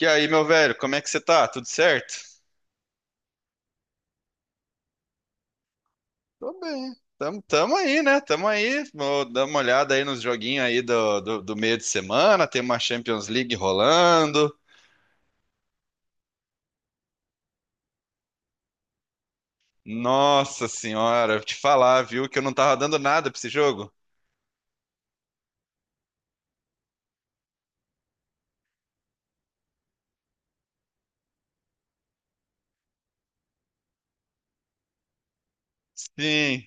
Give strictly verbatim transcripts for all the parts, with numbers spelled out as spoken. E aí, meu velho, como é que você tá? Tudo certo? Tô bem. Tamo, tamo aí, né? Tamo aí. Vou dar uma olhada aí nos joguinhos aí do, do, do meio de semana. Tem uma Champions League rolando. Nossa senhora, vou te falar, viu, que eu não tava dando nada pra esse jogo. Sim.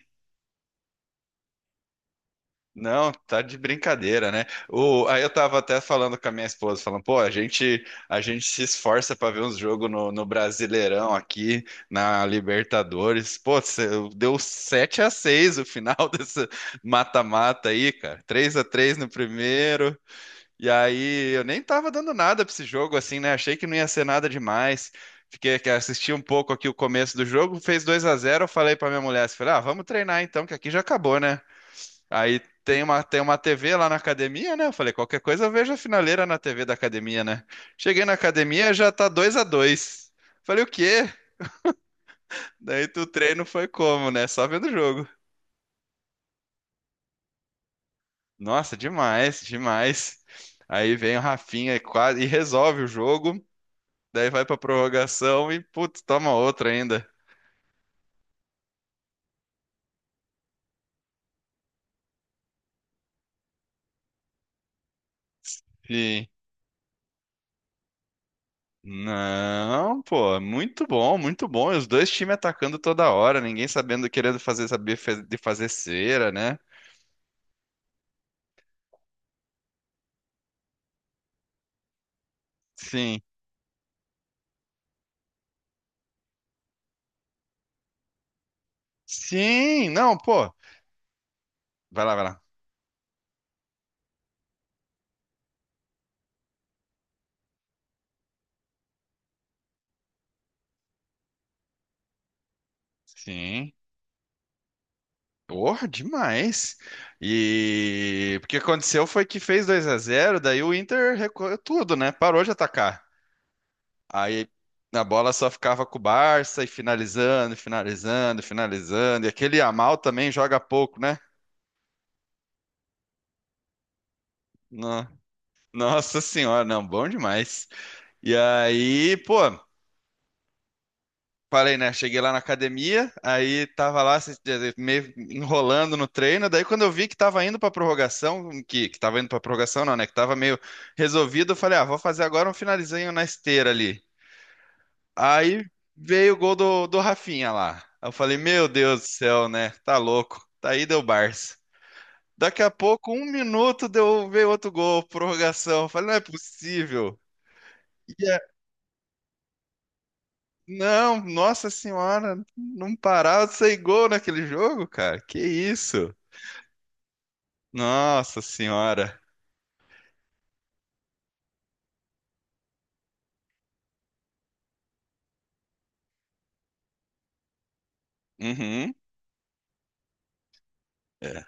Não, tá de brincadeira, né? O, aí eu tava até falando com a minha esposa, falando, pô, a gente, a gente se esforça pra ver uns jogos no, no Brasileirão aqui, na Libertadores. Pô, cê- deu sete a seis o final desse mata-mata aí, cara. Três a três no primeiro. E aí eu nem tava dando nada pra esse jogo assim, né? Achei que não ia ser nada demais. Fiquei que assisti um pouco aqui o começo do jogo, fez dois a zero, eu falei pra minha mulher, assim, falei, ah, vamos treinar então, que aqui já acabou, né? Aí tem uma, tem uma T V lá na academia, né? Eu falei, qualquer coisa eu vejo a finaleira na T V da academia, né? Cheguei na academia, já tá dois a dois. Falei, o quê? Daí tu- o treino foi como, né? Só vendo o jogo. Nossa, demais, demais. Aí vem o Rafinha e quase e resolve o jogo. Daí vai pra prorrogação e, putz, toma outra ainda. Sim. Não, pô, muito bom, muito bom. E os dois times atacando toda hora, ninguém sabendo, querendo fazer, saber fe- de fazer cera, né? Sim. Sim, não, pô. Vai lá, vai lá. Sim. Porra, demais. E o que aconteceu foi que fez dois a zero. Daí o Inter recuou tudo, né? Parou de atacar. Aí a bola só ficava com o Barça e finalizando, finalizando, finalizando. E aquele Yamal também joga pouco, né? No- Nossa senhora, não, bom demais. E aí, pô, falei, né? Cheguei lá na academia, aí tava lá se- eh, meio enrolando no treino. Daí, quando eu vi que tava indo pra prorrogação, que, que tava indo pra prorrogação, não, né? Que tava meio resolvido, eu falei, ah, vou fazer agora um finalizinho na esteira ali. Aí veio o gol do, do Rafinha lá. Eu falei, meu Deus do céu, né? Tá louco. Daí deu Barça. Daqui a pouco, um minuto, deu, veio outro gol, prorrogação. Eu falei, não é possível. Não, nossa senhora, não parava de sair gol naquele jogo, cara. Que isso? Nossa senhora. Uhum. É.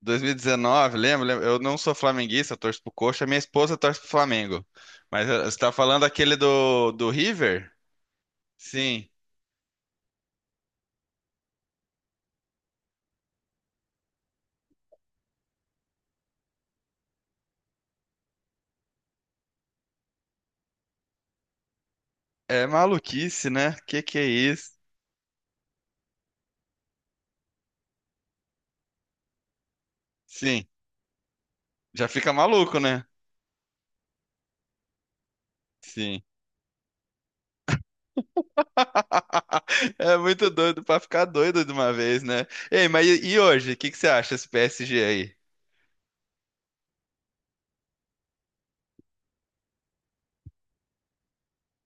dois mil e dezenove, lembra? Lembra? Eu não sou flamenguista, eu torço pro Coxa, minha esposa torce pro Flamengo. Mas eh, você tá falando aquele do, do River? Sim. É maluquice, né? Que que é isso? Sim. Já fica maluco, né? Sim. É muito doido pra ficar doido de uma vez, né? Ei, mas e e hoje? O que que você acha desse P S G aí?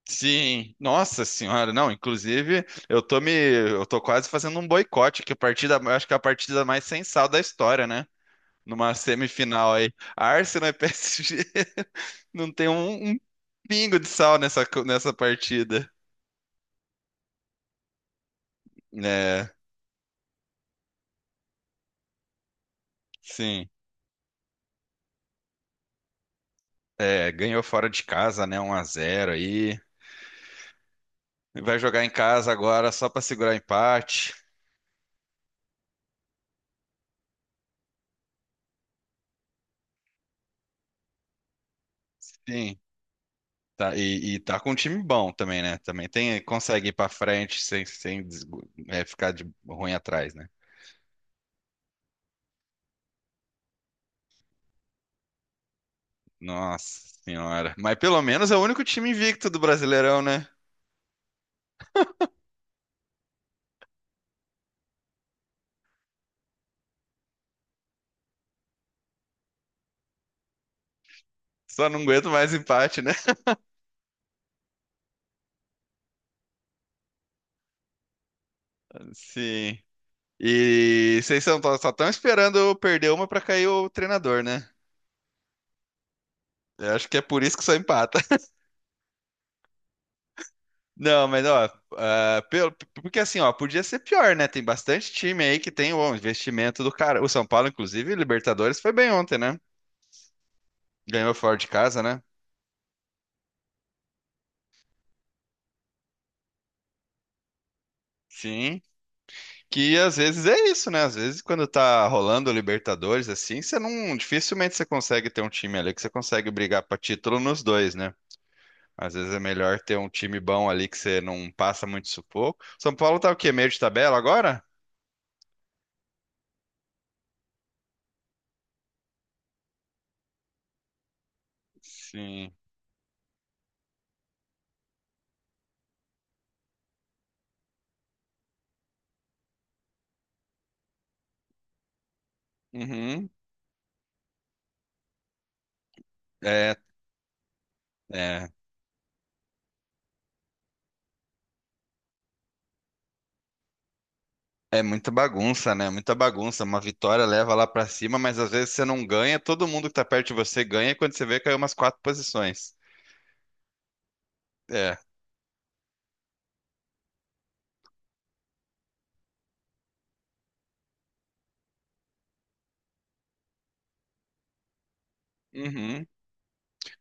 Sim, nossa senhora, não, inclusive eu tô me, eu tô quase fazendo um boicote, que a partida, eu acho que é a partida mais sem sal da história, né? Numa semifinal aí, Arsenal e P S G, não tem um, um pingo de sal nessa, co- nessa partida. É, sim, é, ganhou fora de casa, né, um a zero aí, vai jogar em casa agora só pra segurar empate. Sim, tá, e, e tá com um time bom também, né? Também tem, consegue ir pra frente sem, sem desgo- é, ficar de ruim atrás, né? Nossa senhora. Mas pelo menos é o único time invicto do Brasileirão, né? Só não aguento mais empate, né? Sim. E vocês são- só estão esperando eu perder uma pra cair o treinador, né? Eu acho que é por isso que só empata. Não, mas ó, ah, pelo, porque assim, ó, podia ser pior, né? Tem bastante time aí que tem o investimento do cara. O São Paulo, inclusive, Libertadores foi bem ontem, né? Ganhou fora de casa, né? Sim. Que às vezes é isso, né? Às vezes quando tá rolando o Libertadores assim, você não dificilmente você consegue ter um time ali que você consegue brigar pra título nos dois, né? Às vezes é melhor ter um time bom ali que você não passa muito sufoco. São Paulo tá o quê? Meio de tabela agora? Sim. Uhum. É, é. É muita bagunça, né? Muita bagunça. Uma vitória leva lá pra cima, mas às vezes você não ganha, todo mundo que tá perto de você ganha, e quando você vê, caiu umas quatro posições. É. Uhum.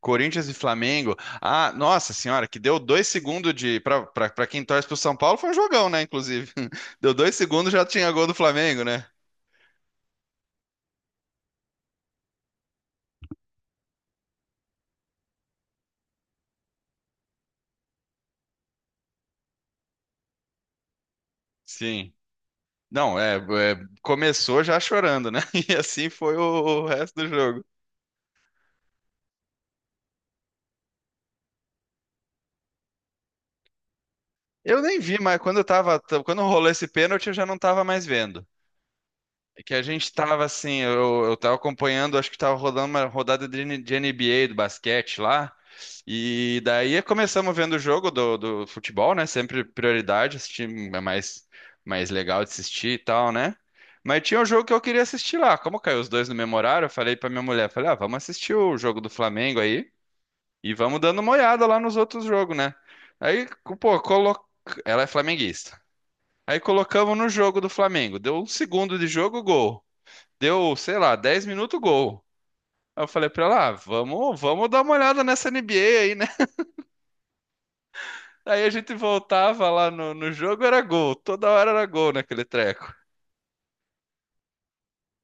Corinthians e Flamengo. Ah, nossa senhora, que deu dois segundos de. Para quem torce pro São Paulo, foi um jogão, né? Inclusive. Deu dois segundos, já tinha gol do Flamengo, né? Sim. Não, é, é, começou já chorando, né? E assim foi o, o resto do jogo. Eu nem vi, mas quando eu tava, quando rolou esse pênalti, eu já não tava mais vendo. É que a gente tava assim, eu, eu tava acompanhando, acho que tava rodando uma rodada de, N- de N B A do basquete lá. E daí começamos vendo o jogo do, do futebol, né? Sempre prioridade, assistir é mais, mais legal de assistir e tal, né? Mas tinha um jogo que eu queria assistir lá. Como caiu os dois no mesmo horário, eu falei pra minha mulher, falei, ah, vamos assistir o jogo do Flamengo aí e vamos dando uma olhada lá nos outros jogos, né? Aí, pô, colo... ela é flamenguista. Aí colocamos no jogo do Flamengo. Deu um segundo de jogo, gol. Deu, sei lá, dez minutos gol. Aí eu falei pra ela, ah, vamos, vamos dar uma olhada nessa N B A aí, né? Aí a gente voltava lá no, no jogo, era gol. Toda hora era gol naquele treco.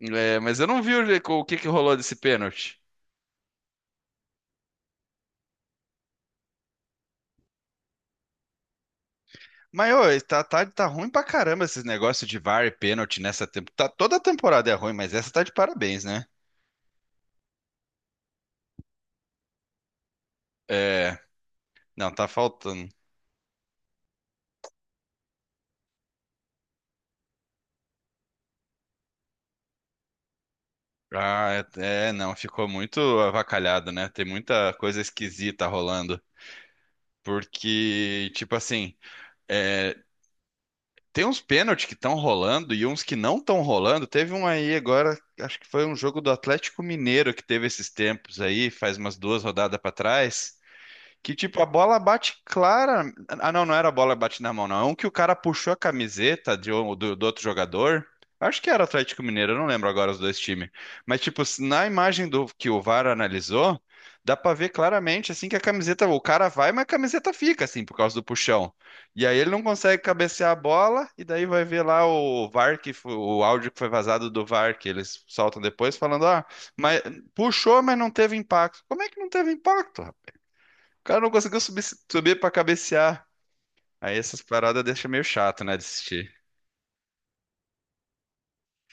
É, mas eu não vi o, que- o que que rolou desse pênalti. Mas, ô, tá, tá, tá ruim pra caramba esses negócios de VAR e pênalti nessa temporada. Tá, toda temporada é ruim, mas essa tá de parabéns, né? É, não, tá faltando. Ah, é, é, não, ficou muito avacalhado, né? Tem muita coisa esquisita rolando. Porque, tipo assim, Tem uns pênaltis que estão rolando e uns que não estão rolando. Teve um aí agora, acho que foi um jogo do Atlético Mineiro que teve esses tempos aí, faz umas duas rodadas para trás, que tipo, a bola bate clara. Ah, não, não era a bola que bate na mão, não. É um que o cara puxou a camiseta de um- do, do outro jogador. Acho que era Atlético Mineiro, eu não lembro agora os dois times. Mas, tipo, se- na imagem do que o VAR analisou, dá pra ver claramente assim que a camiseta, o cara vai, mas a camiseta fica, assim, por causa do puxão. E aí ele não consegue cabecear a bola, e daí vai ver lá o VAR, que foi, o áudio que foi vazado do VAR, que eles soltam depois, falando, ah, mas puxou, mas não teve impacto. Como é que não teve impacto, o cara não conseguiu subir, subir pra cabecear. Aí essas paradas deixam meio chato, né, de assistir.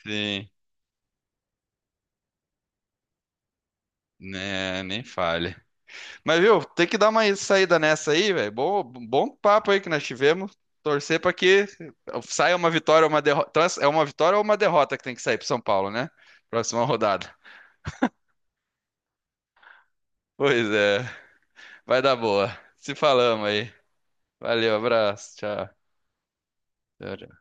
Sim, né, nem falha. Mas, viu, tem que dar uma saída nessa aí, velho. Bom, bom papo aí que nós tivemos. Torcer pra que saia uma vitória ou uma derrota. Então, É uma vitória ou uma derrota que tem que sair pro São Paulo, né? Próxima rodada. Pois é, vai dar boa. Se falamos aí. Valeu, abraço, tchau. Tchau, tchau.